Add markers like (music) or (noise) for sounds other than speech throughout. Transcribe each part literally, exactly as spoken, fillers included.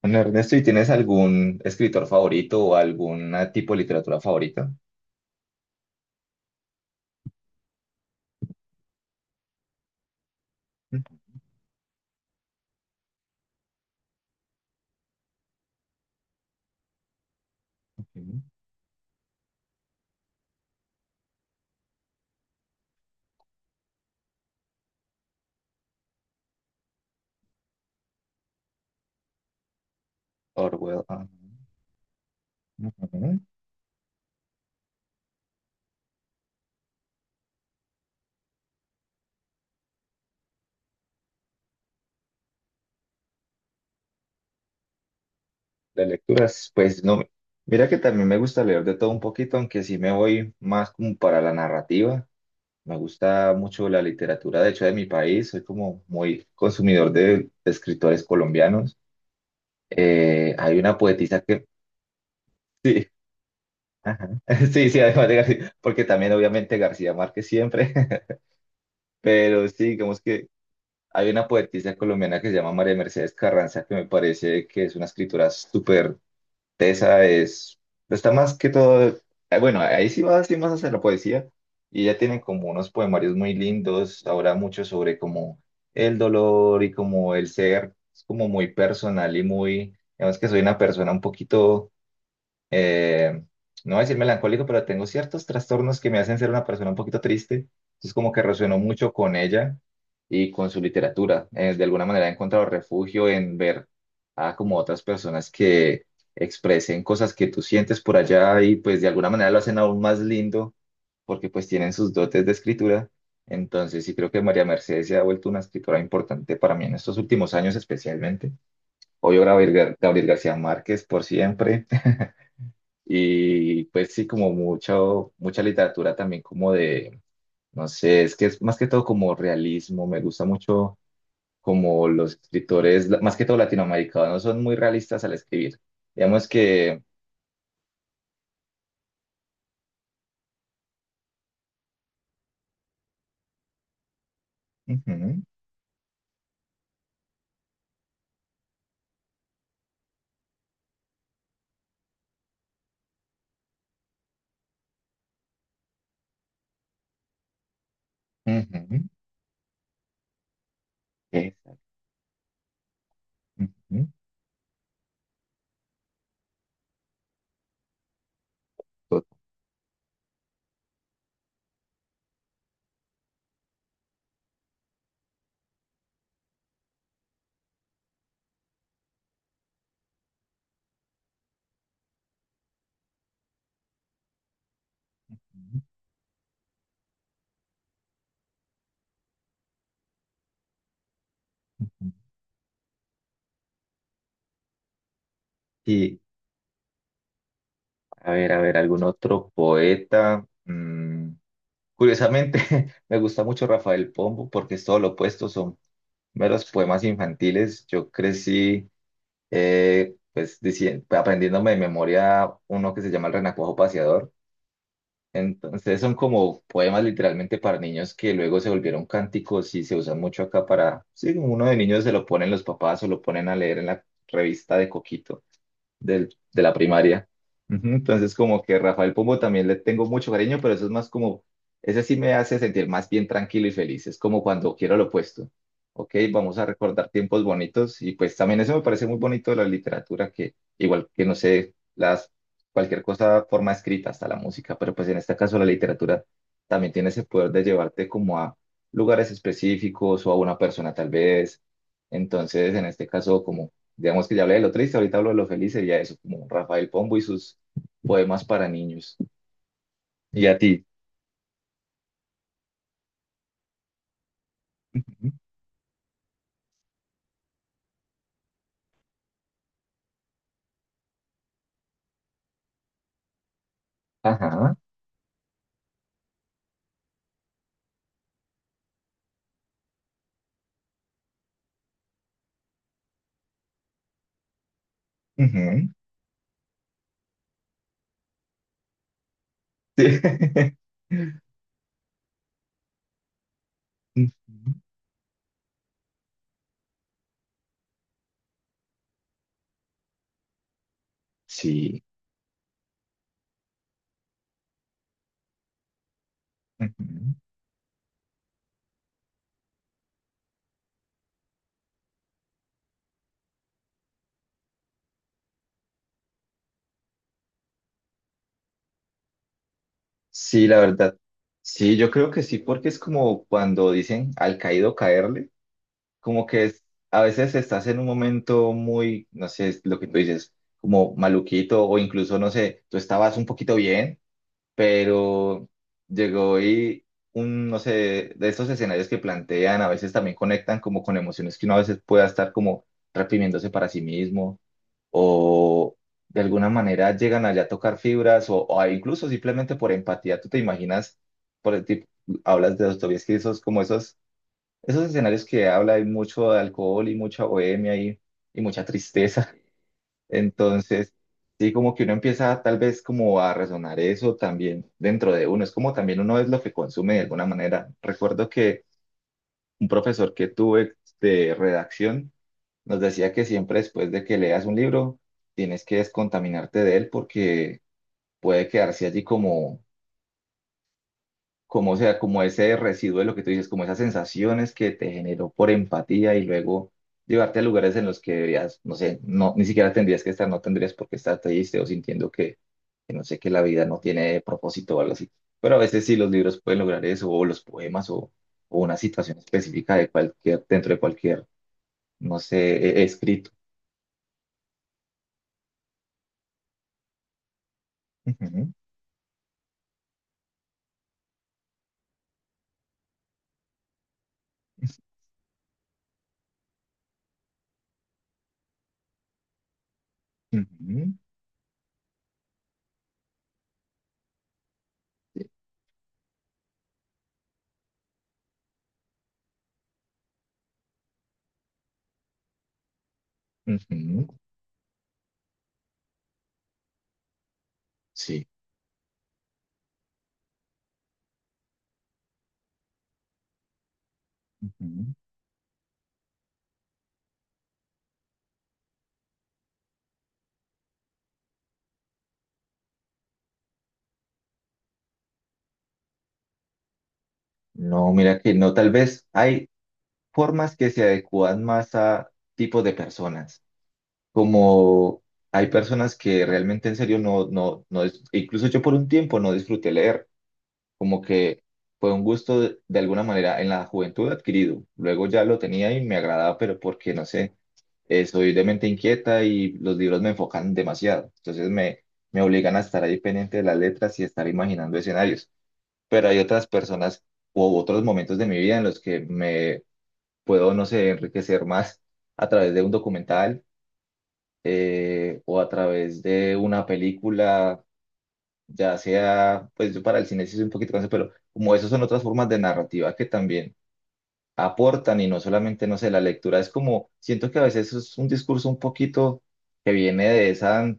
Bueno, Ernesto, ¿y tienes algún escritor favorito o algún tipo de literatura favorita? Ujú. Orwell. ah, ujú. De lecturas, pues no. Mira que también me gusta leer de todo un poquito, aunque sí me voy más como para la narrativa. Me gusta mucho la literatura, de hecho, de mi país. Soy como muy consumidor de, de escritores colombianos. Eh, hay una poetisa que... Sí, ajá. (laughs) Sí, sí, además de García, porque también obviamente García Márquez siempre, (laughs) pero sí, digamos que... Hay una poetisa colombiana que se llama María Mercedes Carranza, que me parece que es una escritura súper tesa, es, pues, está más que todo, eh, bueno, ahí sí va sí más hacia la poesía, y ella tiene como unos poemarios muy lindos, habla mucho sobre como el dolor y como el ser, es como muy personal y muy, digamos que soy una persona un poquito eh, no voy a decir melancólico, pero tengo ciertos trastornos que me hacen ser una persona un poquito triste. Entonces como que resueno mucho con ella y con su literatura. Eh, de alguna manera he encontrado refugio en ver a como otras personas que expresen cosas que tú sientes por allá y pues de alguna manera lo hacen aún más lindo porque pues tienen sus dotes de escritura. Entonces sí creo que María Mercedes se ha vuelto una escritora importante para mí en estos últimos años especialmente. Obvio Gabriel Gar- Gabriel García Márquez por siempre y pues sí, como mucho, mucha literatura también como de, no sé, es que es más que todo como realismo, me gusta mucho como los escritores, la- más que todo latinoamericanos, son muy realistas al escribir. Digamos que... ujú, ujú, esa, ujú, tot- ujú. Y a ver, a ver, algún otro poeta. Mm, curiosamente, (laughs) me gusta mucho Rafael Pombo porque es todo lo opuesto, son meros poemas infantiles. Yo crecí eh, pues dici- pues, aprendiéndome de memoria uno que se llama El Renacuajo Paseador. Entonces son como poemas literalmente para niños que luego se volvieron cánticos y se usan mucho acá para, sí, uno de niños se lo ponen los papás o lo ponen a leer en la revista de Coquito del- de la primaria. Ujú. Entonces, como que Rafael Pombo también le tengo mucho cariño, pero eso es más como, ese sí me hace sentir más bien tranquilo y feliz. Es como cuando quiero lo opuesto. Ok, vamos a recordar tiempos bonitos y pues también eso me parece muy bonito de la literatura, que igual que no sé, las, cualquier cosa, forma escrita, hasta la música, pero pues en este caso la literatura también tiene ese poder de llevarte como a lugares específicos o a una persona tal vez. Entonces, en este caso, como digamos que ya hablé de lo triste, ahorita hablo de lo feliz, sería eso, como Rafael Pombo y sus poemas para niños. Y a ti. Ujú. Ajá. Ujú. Sí. (laughs) Ujú. Sí. Ujú. Sí, la verdad. Sí, yo creo que sí, porque es como cuando dicen al caído caerle, como que es, a veces estás en un momento muy, no sé, es lo que tú dices, como maluquito o incluso, no sé, tú estabas un poquito bien, pero llegó y un, no sé, de estos escenarios que plantean, a veces también conectan como con emociones que uno a veces pueda estar como reprimiéndose para sí mismo o de alguna manera llegan allá a tocar fibras o, o incluso simplemente por empatía, tú te imaginas, por el tipo, hablas de Dostoyevsky, esos como esos, esos escenarios que habla hay mucho de alcohol y mucha bohemia y, y mucha tristeza. Entonces, sí, como que uno empieza tal vez como a resonar eso también dentro de uno. Es como también uno es lo que consume de alguna manera. Recuerdo que un profesor que tuve de redacción nos decía que siempre después de que leas un libro, tienes que descontaminarte de él porque puede quedarse allí como como, o sea, como ese residuo de lo que tú dices, como esas sensaciones que te generó por empatía y luego llevarte a lugares en los que deberías, no sé, no, ni siquiera tendrías que estar, no tendrías por qué estar triste o sintiendo que, que no sé, que la vida no tiene propósito o algo así. Pero a veces sí los libros pueden lograr eso, o los poemas, o, o una situación específica de cualquier, dentro de cualquier, no sé, e- escrito. Ujú, ujú, ujú, sí. Ujú. No, mira que no, tal vez hay formas que se adecúan más a tipos de personas. Como hay personas que realmente en serio no, no, no, dis- incluso yo por un tiempo no disfruté leer, como que fue un gusto de, de alguna manera en la juventud adquirido. Luego ya lo tenía y me agradaba, pero porque no sé, eh, soy de mente inquieta y los libros me enfocan demasiado. Entonces me, me obligan a estar ahí pendiente de las letras y estar imaginando escenarios. Pero hay otras personas u otros momentos de mi vida en los que me puedo, no sé, enriquecer más a través de un documental eh, o a través de una película, ya sea, pues yo para el cine sí soy un poquito cansado, pero como eso son otras formas de narrativa que también aportan y no solamente, no sé, la lectura es como, siento que a veces es un discurso un poquito que viene de esa,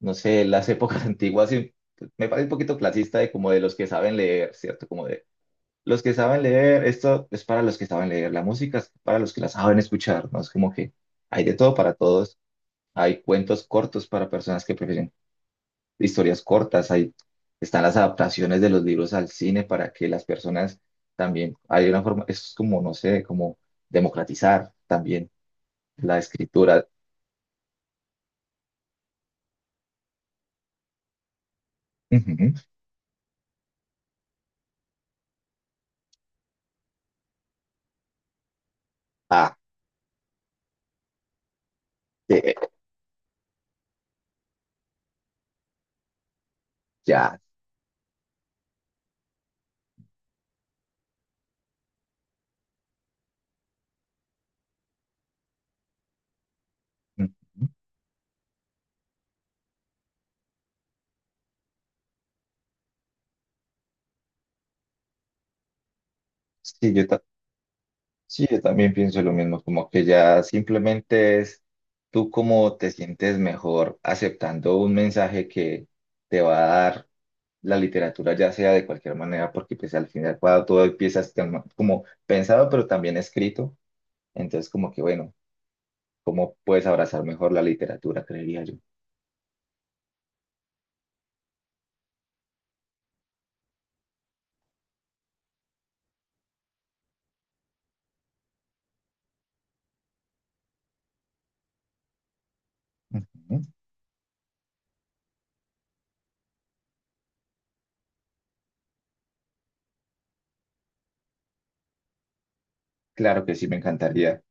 no sé, las épocas (laughs) antiguas y me parece un poquito clasista de como de los que saben leer, ¿cierto? Como los que saben leer, esto es para los que saben leer, la música es para los que la saben escuchar, ¿no? Es como que hay de todo para todos, hay cuentos cortos para personas que prefieren historias cortas, hay, están las adaptaciones de los libros al cine para que las personas también, hay una forma, es como, no sé, como democratizar también la escritura. Ujú. Ah, eh, ya. Ujú. Sí, yo sí, yo también pienso lo mismo, como que ya simplemente es tú cómo te sientes mejor aceptando un mensaje que te va a dar la literatura, ya sea de cualquier manera, porque pues al final cuando todo empieza a estar ma- como pensado, pero también escrito, entonces como que bueno, cómo puedes abrazar mejor la literatura, creería yo. Ujú. Claro que sí, me encantaría.